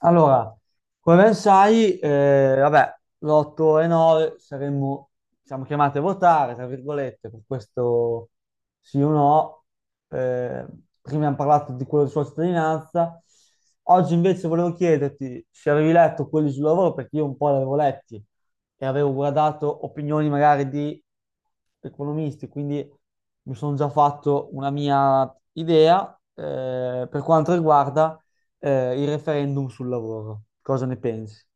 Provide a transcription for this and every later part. Allora, come ben sai, l'8 e 9 siamo chiamati a votare, tra virgolette, per questo sì o no. Eh, Prima abbiamo parlato di quello di sua cittadinanza. Oggi invece volevo chiederti se avevi letto quelli sul lavoro, perché io un po' li avevo letti e avevo guardato opinioni magari di economisti, quindi mi sono già fatto una mia idea per quanto riguarda il referendum sul lavoro. Cosa ne pensi?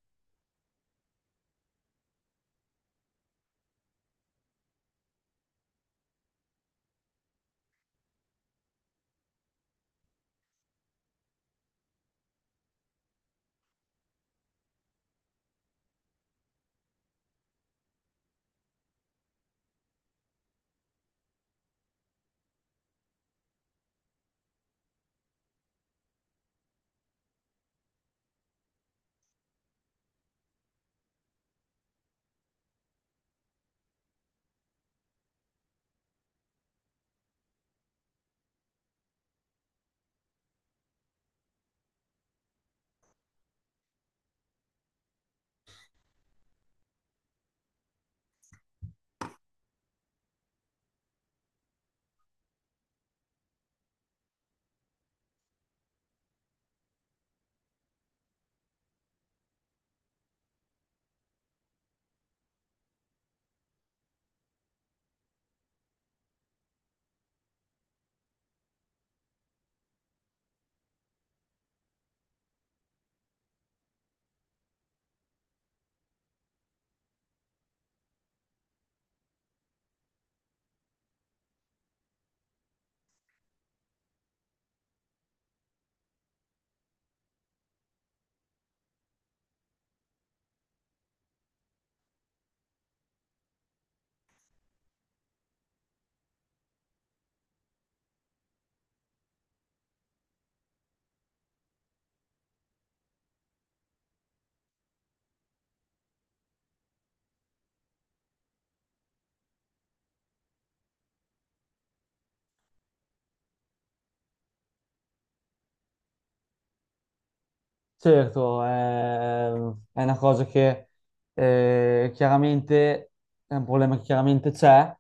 Certo, è una cosa che chiaramente è un problema che chiaramente c'è,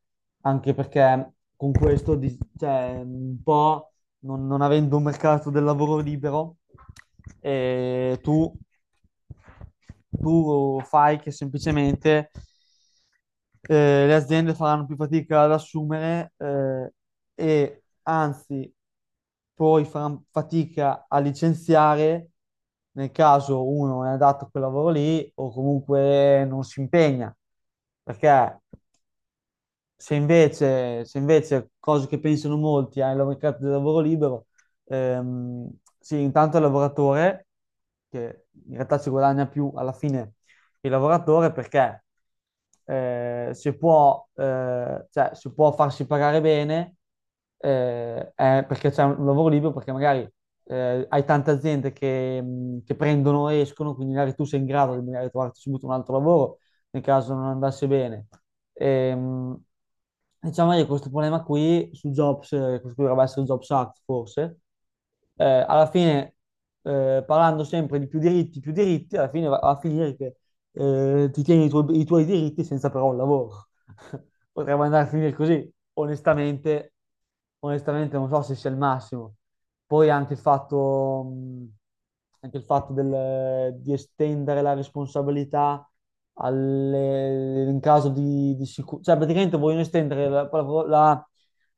anche perché con questo, un po', non avendo un mercato del lavoro libero, eh, tu, tu fai che semplicemente le aziende faranno più fatica ad assumere, e anzi poi faranno fatica a licenziare nel caso uno non è adatto a quel lavoro lì o comunque non si impegna. Perché? Se invece, cosa che pensano molti, hai il mercato del lavoro libero, ehm, sì, intanto il lavoratore, che in realtà ci guadagna più alla fine il lavoratore perché, se può, cioè, se può farsi pagare bene, è perché c'è un lavoro libero, perché magari hai tante aziende che prendono e escono, quindi magari tu sei in grado di magari trovarti subito un altro lavoro nel caso non andasse bene. Ehm, diciamo che questo problema qui su Jobs, questo qui dovrebbe essere il Jobs Act forse. Alla fine, parlando sempre di più diritti, alla fine va a finire che, ti tieni i tuoi diritti senza però un lavoro. Potrebbe andare a finire così. Onestamente, onestamente non so se sia il massimo. Poi anche il fatto di estendere la responsabilità in caso di sicurezza. Cioè, praticamente vogliono estendere la- la- la-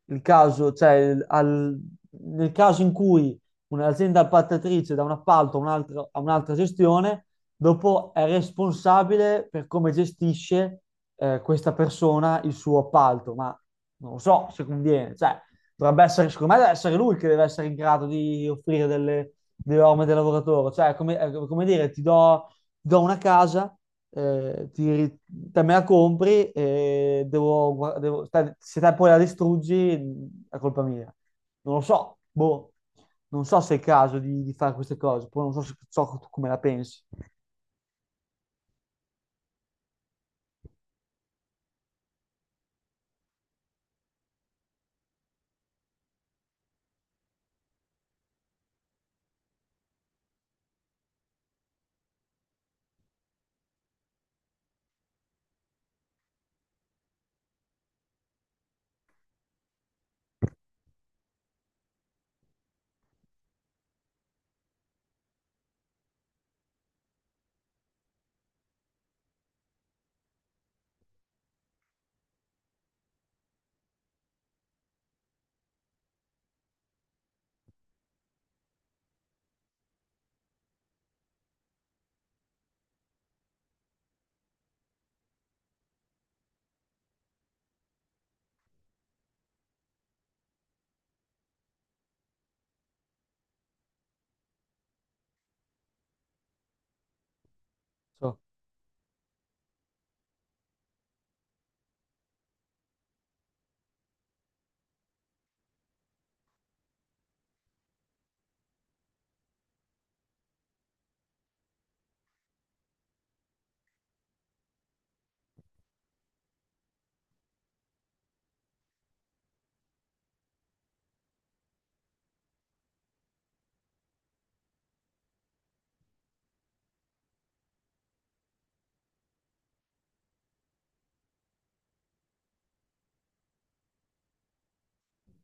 il caso, cioè, il- al- nel caso in cui un'azienda appaltatrice dà un appalto a un'altra gestione, dopo è responsabile per come gestisce, questa persona, il suo appalto. Ma non lo so se conviene. Cioè, dovrebbe essere, secondo me deve essere lui che deve essere in grado di offrire delle orme del lavoratore. Cioè, come, è come dire ti do una casa, te me la compri e devo, gua- devo- te- se te poi la distruggi, è colpa mia, non lo so, boh. Non so se è il caso di fare queste cose. Poi non so se, so tu come la pensi. So-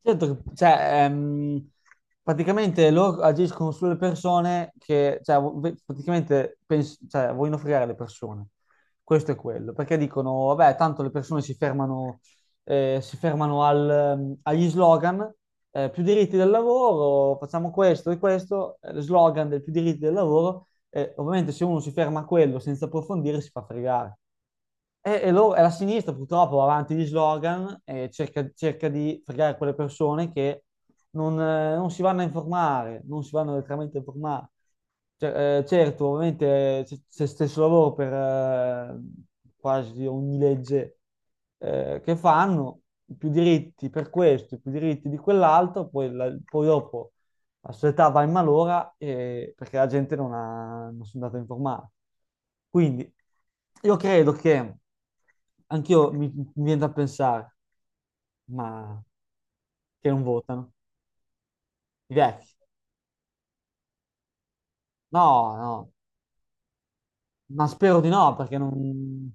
Certo, cioè, praticamente loro agiscono sulle persone che, cioè, cioè, vogliono fregare le persone. Questo è quello, perché dicono, vabbè, tanto le persone si fermano al, agli slogan, più diritti del lavoro, facciamo questo e questo, slogan del più diritti del lavoro. Eh, ovviamente se uno si ferma a quello senza approfondire si fa fregare. E la sinistra purtroppo va avanti di slogan e cerca di fregare quelle persone che non si vanno a informare, non si vanno letteralmente a informare. Cioè, certo, ovviamente, c'è stesso lavoro per, quasi ogni legge che fanno, più diritti per questo, più diritti di quell'altro, poi, poi dopo aspettava in malora, perché la gente non ha, non sono andato a informare. Quindi io credo che anch'io mi viene da pensare, ma che non votano, i vecchi. No, no, ma spero di no perché non,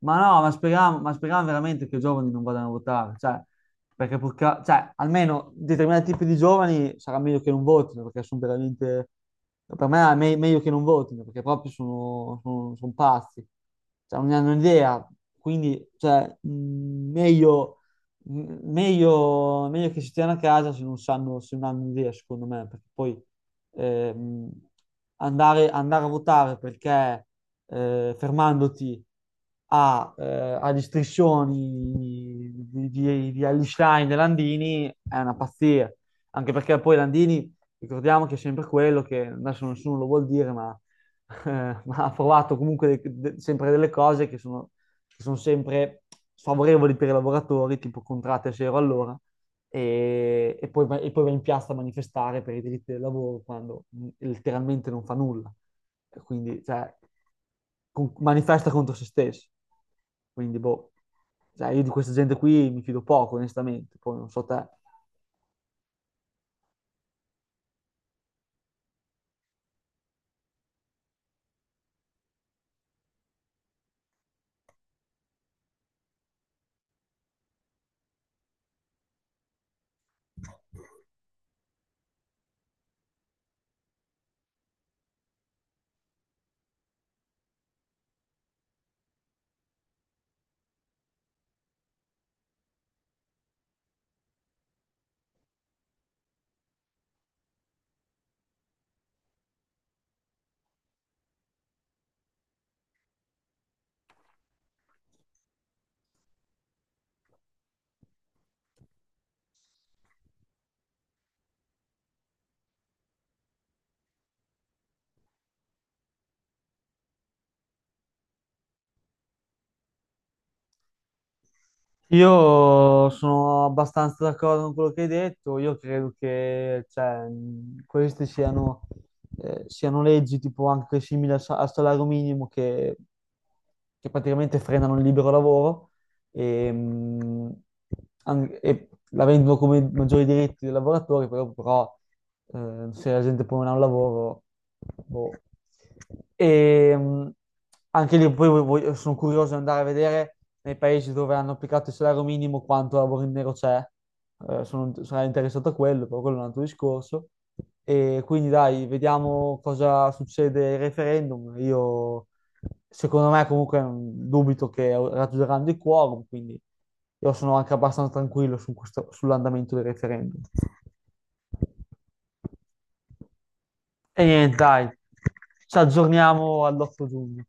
ma no, ma speriamo veramente che i giovani non vadano a votare. Cioè, perché cioè, almeno determinati tipi di giovani sarà meglio che non votino, perché sono veramente, per me è meglio che non votino, perché proprio sono, sono pazzi, cioè, non ne hanno idea. Quindi cioè, meglio, meglio che si stiano a casa se non sanno, se non hanno idea, secondo me, perché poi, ehm, andare a votare perché, fermandoti a, eh, agli striscioni di Einstein e Landini, è una pazzia. Anche perché poi Landini, ricordiamo che è sempre quello che adesso nessuno lo vuol dire, ma, ma ha provato comunque sempre delle cose che sono sempre sfavorevoli per i lavoratori, tipo contratti a zero all'ora e, e poi va in piazza a manifestare per i diritti del lavoro quando, letteralmente non fa nulla. E quindi, cioè, manifesta contro se stesso. Quindi, boh, cioè, io di questa gente qui mi fido poco, onestamente. Poi non so te. Io sono abbastanza d'accordo con quello che hai detto. Io credo che cioè, queste siano, siano leggi tipo anche simili al, al salario minimo che praticamente frenano il libero lavoro. E e la vendono come maggiori diritti dei lavoratori, però, se la gente poi non ha un lavoro, boh. E, anche lì poi sono curioso di andare a vedere nei paesi dove hanno applicato il salario minimo quanto lavoro in nero c'è. Sarei interessato a quello, però quello è un altro discorso. E quindi dai, vediamo cosa succede al referendum. Io Secondo me comunque, dubito che raggiungeranno il quorum, quindi io sono anche abbastanza tranquillo su sull'andamento del referendum. E niente, dai, ci aggiorniamo all'8 giugno.